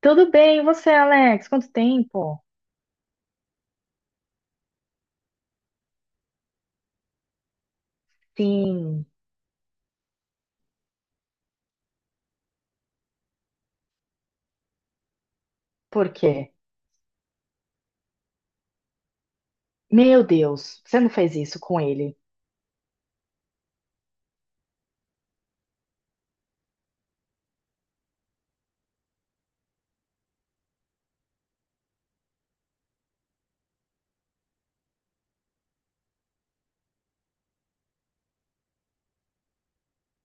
Tudo bem, e você, Alex? Quanto tempo? Sim, por quê? Meu Deus, você não fez isso com ele?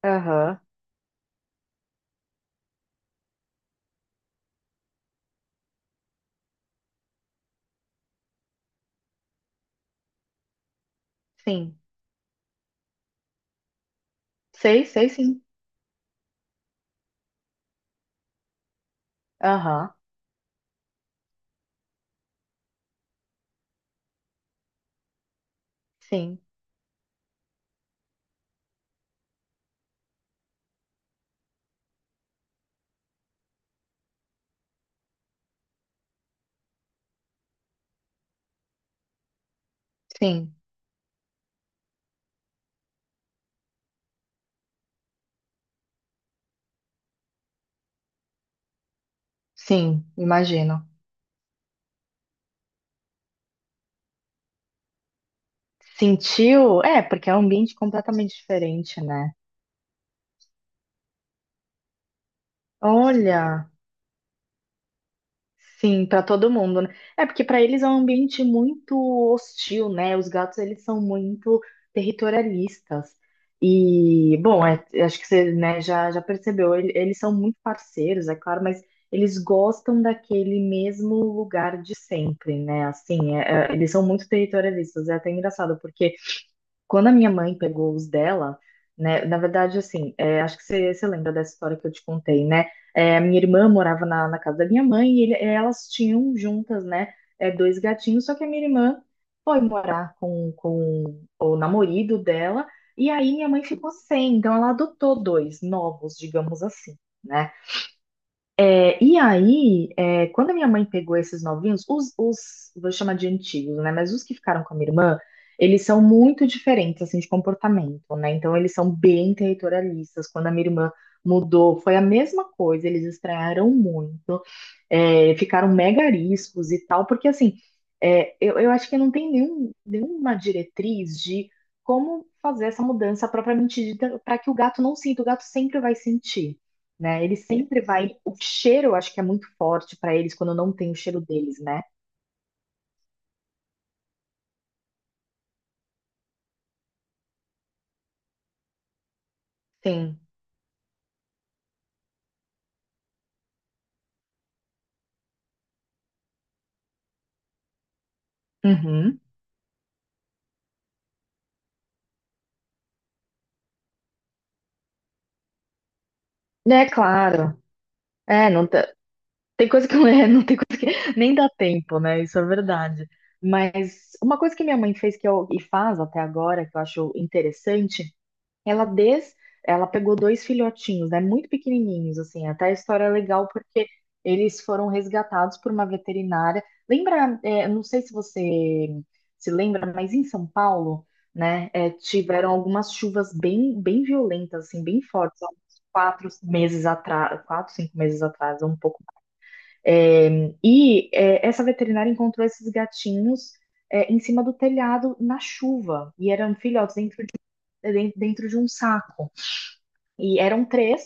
Aham, sim. Sei, sei sim. Aham, sim, sim, sim, imagino. Sentiu? É, porque é um ambiente completamente diferente, né? Olha. Sim, para todo mundo, né? É porque para eles é um ambiente muito hostil, né? Os gatos eles são muito territorialistas. E, bom, acho que você, né, já percebeu, eles são muito parceiros, é claro, mas eles gostam daquele mesmo lugar de sempre, né? Assim, eles são muito territorialistas. É até engraçado, porque quando a minha mãe pegou os dela, né, na verdade, assim, acho que você lembra dessa história que eu te contei, né? É, a minha irmã morava na casa da minha mãe e é, elas tinham juntas, né, dois gatinhos, só que a minha irmã foi morar com o namorado dela e aí minha mãe ficou sem, então ela adotou dois novos, digamos assim, né? É, e aí, quando a minha mãe pegou esses novinhos, vou chamar de antigos, né? Mas os que ficaram com a minha irmã, eles são muito diferentes, assim, de comportamento, né? Então, eles são bem territorialistas. Quando a minha irmã mudou, foi a mesma coisa, eles estranharam muito, ficaram mega ariscos e tal, porque, assim, eu acho que não tem nenhuma diretriz de como fazer essa mudança propriamente dita para que o gato não sinta, o gato sempre vai sentir, né? Ele sempre vai. O cheiro, eu acho que é muito forte para eles quando não tem o cheiro deles, né? Sim. Uhum. É claro. É, não tá- tem coisa que não tem coisa que nem dá tempo, né? Isso é verdade. Mas uma coisa que minha mãe fez que eu e faz até agora, que eu acho interessante, Ela des... ela pegou dois filhotinhos, né, muito pequenininhos, assim. Até a história é legal porque eles foram resgatados por uma veterinária. Lembra, não sei se você se lembra, mas em São Paulo, né, tiveram algumas chuvas bem, bem violentas, assim, bem fortes, há uns 4 meses atrás, 4, 5 meses atrás, ou um pouco. É, essa veterinária encontrou esses gatinhos em cima do telhado na chuva e eram filhotes dentro de um saco. E eram três,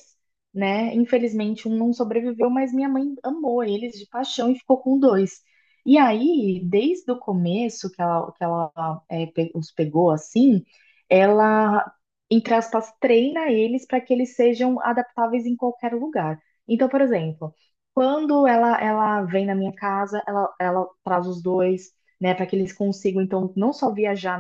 né? Infelizmente, um não sobreviveu, mas minha mãe amou eles de paixão e ficou com dois. E aí, desde o começo que os pegou assim, ela, entre aspas, treina eles para que eles sejam adaptáveis em qualquer lugar. Então, por exemplo, quando ela vem na minha casa, ela traz os dois, né, para que eles consigam, então, não só viajar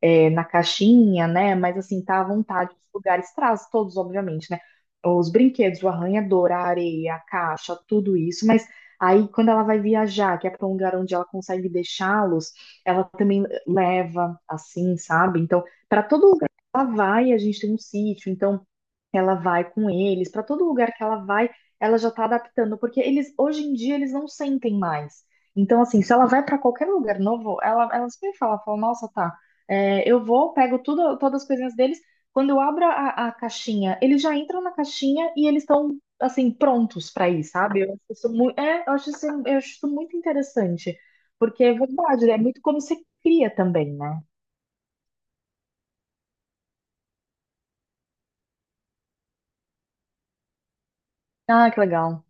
na caixinha, né? Mas assim, tá à vontade os lugares, traz todos, obviamente, né? Os brinquedos, o arranhador, a areia, a caixa, tudo isso, mas aí quando ela vai viajar, que é para um lugar onde ela consegue deixá-los, ela também leva assim, sabe? Então, para todo lugar que ela vai, a gente tem um sítio, então ela vai com eles. Para todo lugar que ela vai, ela já tá adaptando, porque eles hoje em dia eles não sentem mais. Então, assim, se ela vai para qualquer lugar novo, ela sempre fala, nossa, tá, eu vou, pego tudo, todas as coisinhas deles. Quando eu abro a caixinha, eles já entram na caixinha e eles estão, assim, prontos para ir, sabe? Eu acho isso muito, eu acho isso muito interessante. Porque é verdade, é muito como você cria também, né? Ah, que legal.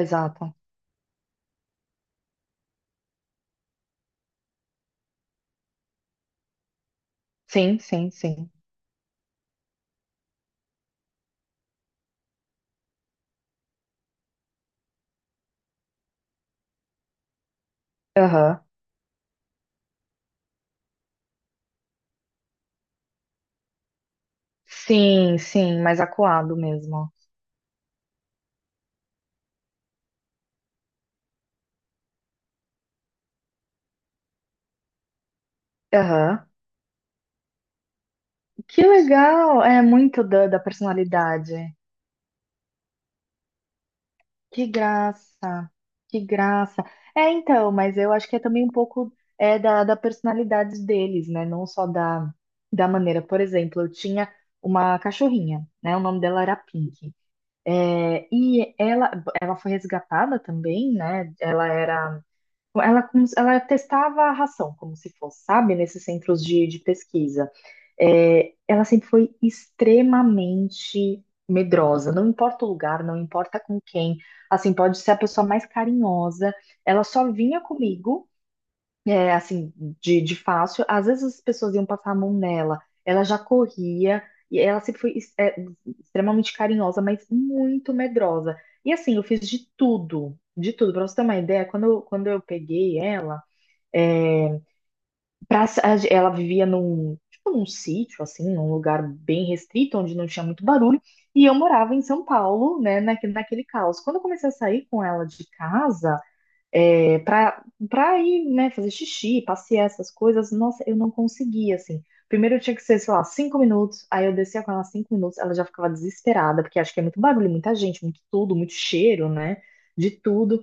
Exato. Sim, sim, sim. Aham. Sim, sim, mais acuado mesmo. Aham. Que legal! É muito da personalidade. Que graça, que graça. É, então, mas eu acho que é também um pouco é da personalidade deles, né? Não só da maneira. Por exemplo, eu tinha uma cachorrinha, né? O nome dela era Pink. É, e ela, ela foi resgatada também, né? Ela testava a ração, como se fosse, sabe, nesses centros de pesquisa. É, ela sempre foi extremamente medrosa, não importa o lugar, não importa com quem. Assim, pode ser a pessoa mais carinhosa. Ela só vinha comigo assim, de fácil. Às vezes as pessoas iam passar a mão nela, ela já corria, e ela sempre foi extremamente carinhosa, mas muito medrosa. E assim, eu fiz de tudo, de tudo. Pra você ter uma ideia, quando quando eu peguei ela, é, ela vivia num, tipo, num sítio, assim, num lugar bem restrito, onde não tinha muito barulho, e eu morava em São Paulo, né, naquele caos. Quando eu comecei a sair com ela de casa, é, para para ir, né, fazer xixi, passear, essas coisas, nossa, eu não conseguia, assim. Primeiro eu tinha que ser, sei lá, 5 minutos, aí eu descia com ela 5 minutos, ela já ficava desesperada, porque acho que é muito barulho, muita gente, muito tudo, muito cheiro, né, de tudo.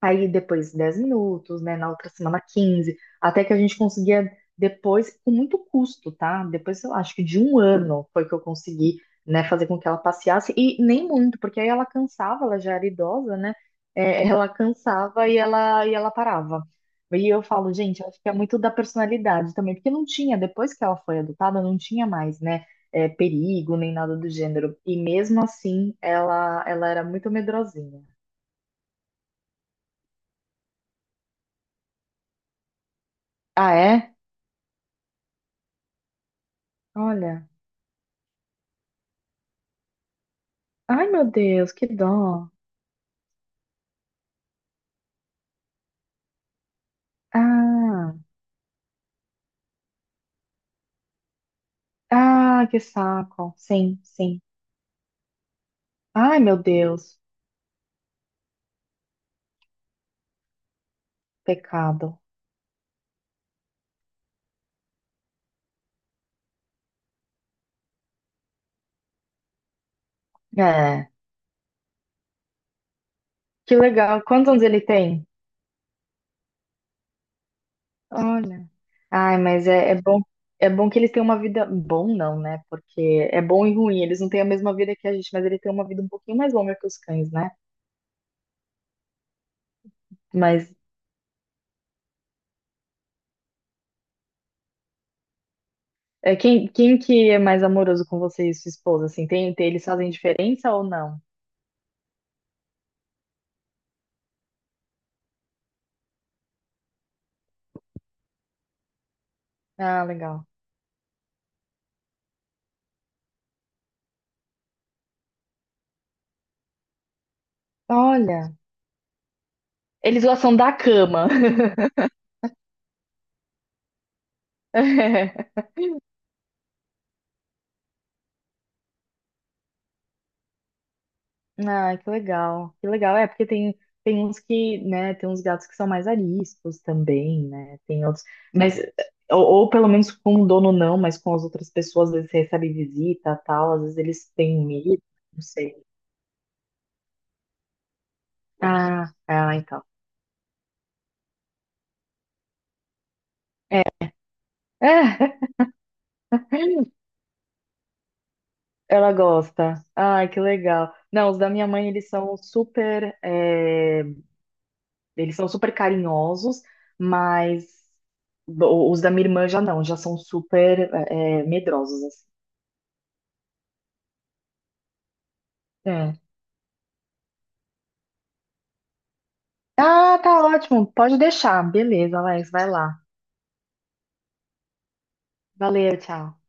Aí depois 10 minutos, né? Na outra semana 15, até que a gente conseguia depois, com muito custo, tá? Depois, sei lá, acho que de um ano foi que eu consegui, né, fazer com que ela passeasse, e nem muito, porque aí ela cansava, ela já era idosa, né? É, ela cansava e ela parava. E eu falo, gente, acho que é muito da personalidade também, porque não tinha, depois que ela foi adotada, não tinha mais, né? Perigo, nem nada do gênero. E mesmo assim, ela era muito medrosinha. Ah, é? Olha. Ai, meu Deus, que dó. Ah, ah, que saco. Sim, sim. Ai, meu Deus, pecado. É, que legal. Quantos anos ele tem? Olha. Ai, mas é bom que eles têm uma vida. Bom, não, né? Porque é bom e ruim. Eles não têm a mesma vida que a gente, mas ele tem uma vida um pouquinho mais longa que os cães, né? Mas é, quem que é mais amoroso com você e sua esposa? Assim, eles fazem diferença ou não? Ah, legal. Olha, eles gostam da cama. Ah, que legal, que legal. É, porque tem uns que, né, tem uns gatos que são mais ariscos também, né? Tem outros, mas, ou pelo menos com o dono não, mas com as outras pessoas, às vezes você recebe visita tal, às vezes eles têm um medo, não sei. Ah, ah, então. É. Ela gosta. Ai, que legal. Não, os da minha mãe, eles são super, eles são super carinhosos, mas os da minha irmã já não, já são super, medrosos, assim. É. Ah, tá ótimo. Pode deixar. Beleza, Alex, vai lá. Valeu, tchau.